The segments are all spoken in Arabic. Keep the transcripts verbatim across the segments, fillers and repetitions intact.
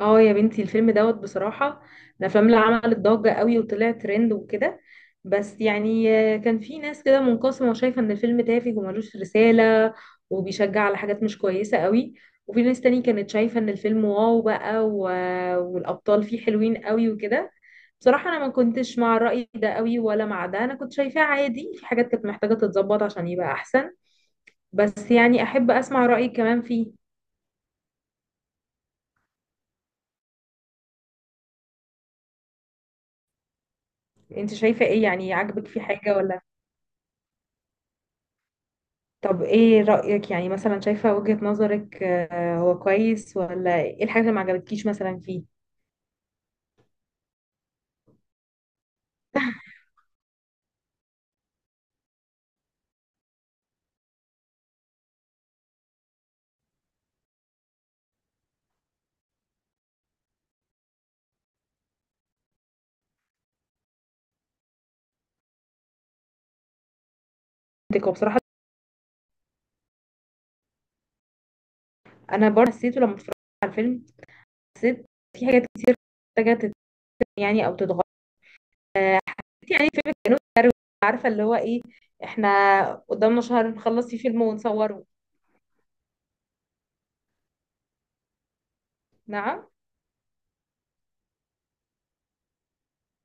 اه يا بنتي الفيلم دوت بصراحة، الأفلام اللي عملت ضجة قوي وطلع ترند وكده. بس يعني آه، كان في ناس كده منقسمة وشايفة إن الفيلم تافه وملوش رسالة وبيشجع على حاجات مش كويسة قوي. وفي ناس تاني كانت شايفة إن الفيلم واو بقى و... والأبطال فيه حلوين قوي وكده. بصراحة أنا ما كنتش مع الرأي ده قوي ولا مع ده، أنا كنت شايفاه عادي، في حاجات كانت محتاجة تتظبط عشان يبقى أحسن. بس يعني أحب أسمع رأيك كمان فيه. أنت شايفة إيه؟ يعني عاجبك فيه حاجة ولا؟ طب ايه رأيك؟ يعني مثلا شايفة وجهة نظرك، آه، هو كويس ولا ايه الحاجة اللي ما عجبتكيش مثلا فيه؟ هو بصراحة انا برضه حسيته لما اتفرجت على الفيلم، حسيت في حاجات كتير محتاجة تت- يعني او تتغير. يعني الفيلم كانوا عارفة اللي هو ايه؟ احنا قدامنا شهر نخلص فيه فيلم ونصوره. نعم،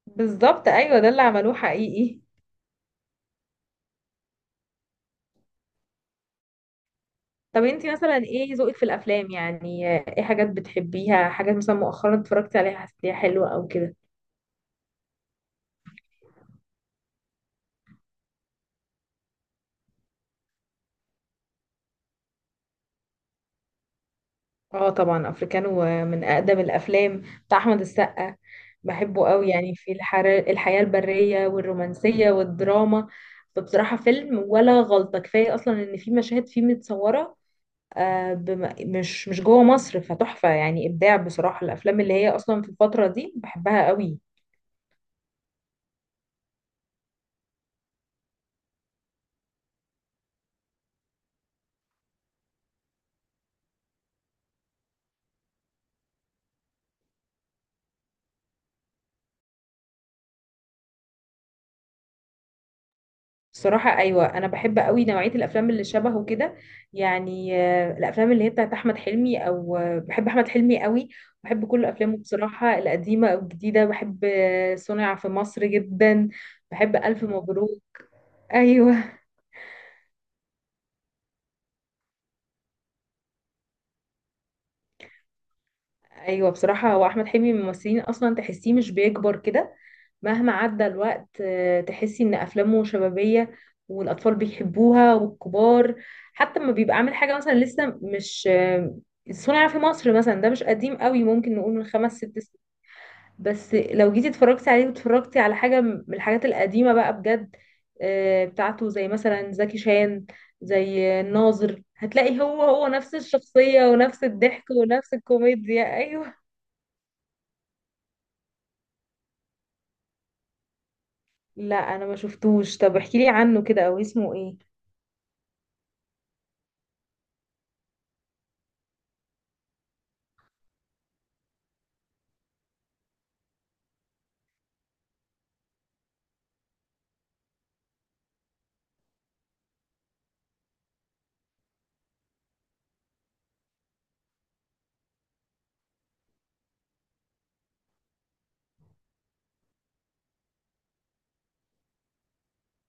بالظبط. ايوه ده اللي عملوه حقيقي. طب انتي مثلا ايه ذوقك في الافلام؟ يعني آه، ايه حاجات بتحبيها؟ حاجات مثلا مؤخرا اتفرجتي عليها حسيتيها حلوة او كده؟ اه طبعا افريكانو من اقدم الافلام، بتاع احمد السقا. بحبه قوي، يعني في الحر... الحياة البرية والرومانسية والدراما. فبصراحة فيلم ولا غلطة، كفاية اصلا ان في مشاهد فيه متصورة آه بم... مش مش جوه مصر، فتحفة يعني، ابداع بصراحة. الافلام اللي هي اصلا في الفترة دي بحبها قوي. صراحة أيوة، أنا بحب قوي نوعية الأفلام اللي شبهه كده. يعني آه، الأفلام اللي هي بتاعت أحمد حلمي، أو آه، بحب أحمد حلمي قوي، بحب كل أفلامه بصراحة، القديمة أو الجديدة. بحب آه، صنع في مصر جدا. بحب ألف مبروك. أيوة. ايوه بصراحه هو احمد حلمي من الممثلين اصلا تحسيه مش بيكبر كده، مهما عدى الوقت، آه، تحسي ان افلامه شبابيه والاطفال بيحبوها والكبار. حتى لما بيبقى عامل حاجه مثلا لسه مش آه، صنع في مصر مثلا ده مش قديم قوي، ممكن نقول من خمس ست سنين. بس لو جيتي اتفرجتي عليه واتفرجتي على حاجه من الحاجات القديمه بقى بجد، آه، بتاعته زي مثلا زكي شان، زي الناظر، هتلاقي هو هو نفس الشخصيه ونفس الضحك ونفس الكوميديا. ايوه. لا انا ما شفتوش، طب احكي لي عنه كده او اسمه ايه؟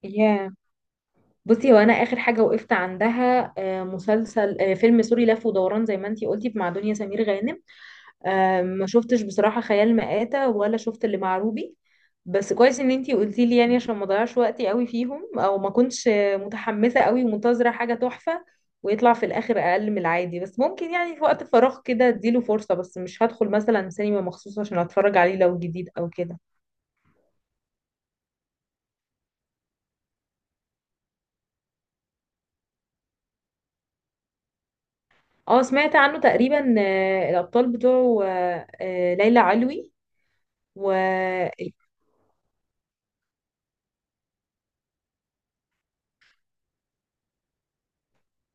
ياه. بصي هو انا اخر حاجه وقفت عندها آه، مسلسل آه، فيلم سوري لف ودوران زي ما انتي قلتي، مع دنيا سمير غانم. آه، ما شفتش بصراحه خيال مآتة، ولا شفت اللي مع روبي. بس كويس ان انتي قلتي لي يعني، عشان ما اضيعش وقتي قوي فيهم، او ما كنتش آه، متحمسه قوي ومنتظره حاجه تحفه ويطلع في الاخر اقل من العادي. بس ممكن يعني في وقت فراغ كده اديله فرصه، بس مش هدخل مثلا سينما مخصوص عشان اتفرج عليه لو جديد او كده. اه سمعت عنه تقريبا. آه، الابطال بتوعه آه، آه، ليلى علوي و...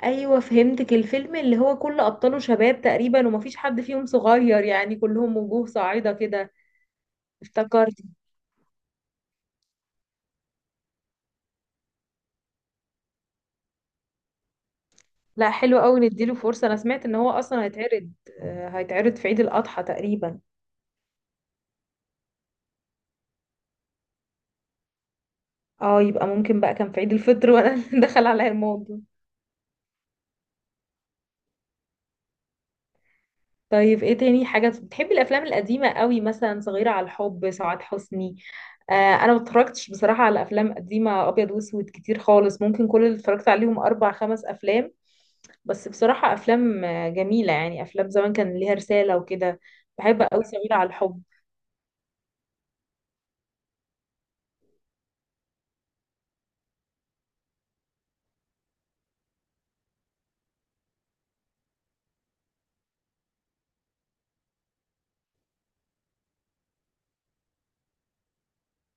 ايوه فهمتك، الفيلم اللي هو كل ابطاله شباب تقريبا ومفيش حد فيهم صغير، يعني كلهم وجوه صاعده كده. افتكرت. لا حلو قوي، نديله فرصه. انا سمعت ان هو اصلا هيتعرض، آه، هيتعرض في عيد الاضحى تقريبا. اه، يبقى ممكن بقى كان في عيد الفطر وانا اللي دخل عليا الموضوع. طيب ايه تاني حاجة بتحبي؟ الافلام القديمة قوي مثلا صغيرة على الحب سعاد حسني؟ آه انا ما اتفرجتش بصراحة على افلام قديمة ابيض واسود كتير خالص، ممكن كل اللي اتفرجت عليهم اربع خمس افلام. بس بصراحة افلام آه، جميلة يعني، افلام زمان كان ليها رسالة وكده. بحب قوي صغيرة على الحب.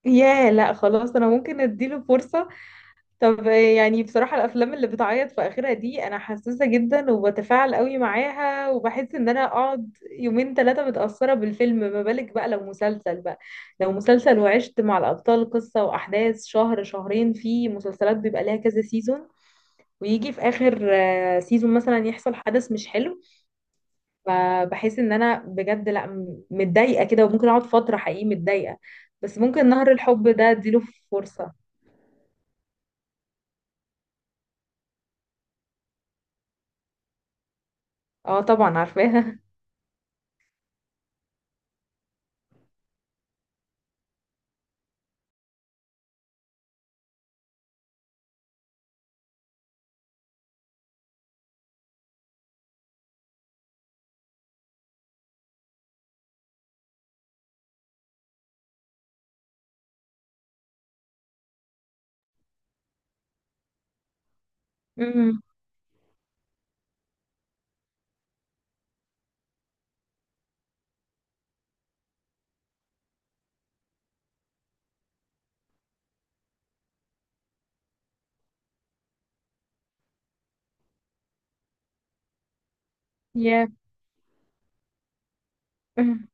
ياه، لا خلاص انا ممكن اديله فرصة. طب يعني بصراحة الأفلام اللي بتعيط في آخرها دي أنا حساسة جدا وبتفاعل قوي معاها، وبحس إن أنا أقعد يومين ثلاثة متأثرة بالفيلم، ما بالك بقى لو مسلسل بقى. لو مسلسل وعشت مع الأبطال قصة وأحداث شهر شهرين، في مسلسلات بيبقى لها كذا سيزون ويجي في آخر آه، سيزون مثلا يحصل حدث مش حلو. فبحس إن أنا بجد لأ، م- متضايقة كده، وممكن أقعد فترة حقيقي متضايقة. بس ممكن نهر الحب ده أديله فرصة. اه طبعا عارفاها. امم. أمم.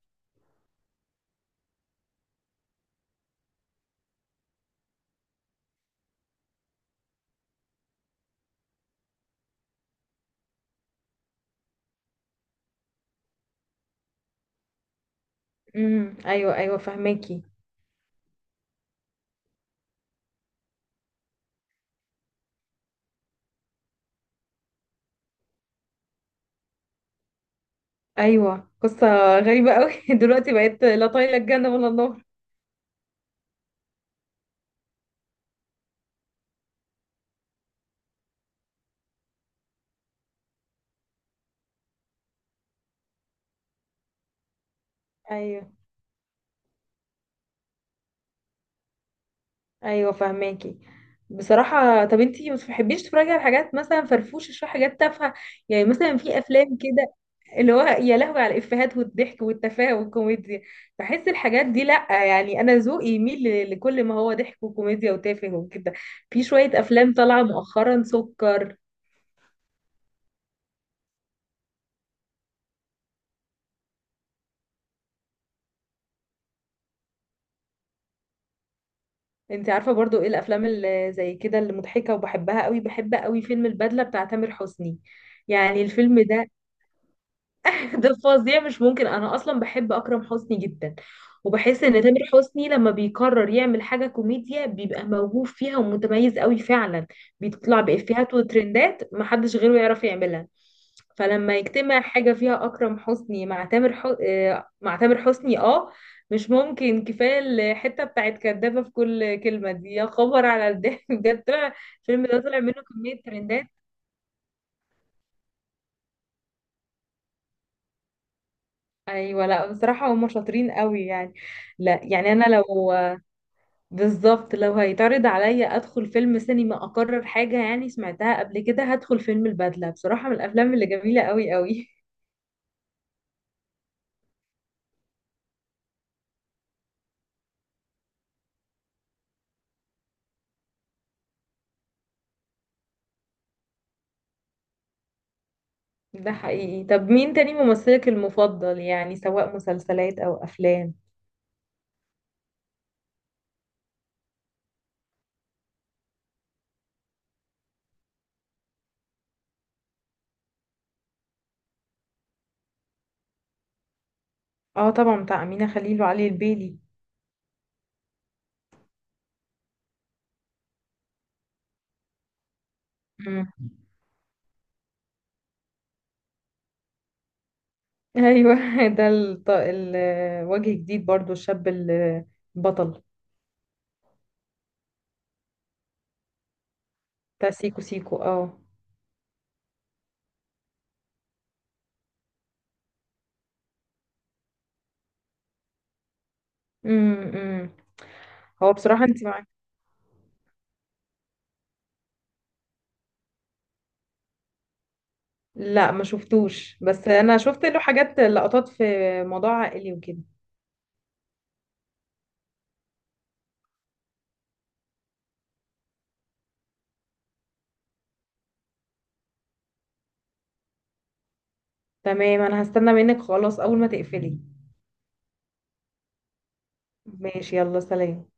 أمم، ايوه ايوه فهماكي. ايوه، قصه غريبه قوي. دلوقتي بقيت لا طايله الجنه ولا النار. ايوه ايوه فهماكي. بصراحه طب انتي ما بتحبيش تتفرجي على حاجات مثلا فرفوشه شويه، حاجات تافهه؟ يعني مثلا في افلام كده اللي هو يا لهوي على الافيهات والضحك والتفاهه والكوميديا. بحس الحاجات دي، لا يعني انا ذوقي يميل ل- لكل ما هو ضحك وكوميديا وتافه وكده. في شويه افلام طالعه مؤخرا سكر. انت عارفه برضو ايه الافلام اللي زي كده اللي مضحكه وبحبها قوي؟ بحب قوي فيلم البدله بتاع تامر حسني، يعني الفيلم ده ده فظيع مش ممكن. انا اصلا بحب اكرم حسني جدا، وبحس ان تامر حسني لما بيقرر يعمل حاجه كوميديا بيبقى موهوب فيها ومتميز قوي فعلا، بيطلع بافيهات وترندات محدش غيره يعرف يعملها. فلما يجتمع حاجه فيها اكرم حسني مع تامر ح... آه، مع تامر حسني، اه مش ممكن. كفايه الحته بتاعت كدابه في كل كلمه دي، يا خبر على الضحك. بجد طلع الفيلم ده، طلع منه كميه ترندات. ايوه، لا بصراحه هم شاطرين قوي يعني. لا يعني انا لو، بالظبط لو هيتعرض عليا ادخل فيلم سينما اقرر حاجه يعني سمعتها قبل كده، هدخل فيلم البدله بصراحه، من الافلام اللي جميله قوي قوي. ده حقيقي. طب مين تاني ممثلك المفضل؟ يعني سواء مسلسلات او افلام. اه طبعا، بتاع امينه خليل وعلي البيلي. مم. ايوه ده الط- الوجه جديد برضو، الشاب البطل بتاع سيكو سيكو. اه امم. هو بصراحة انت، لا ما شفتوش، بس انا شفت له حاجات، لقطات في موضوع عائلي وكده. تمام، انا هستنى منك خلاص اول ما تقفلي. ماشي، يلا سلام.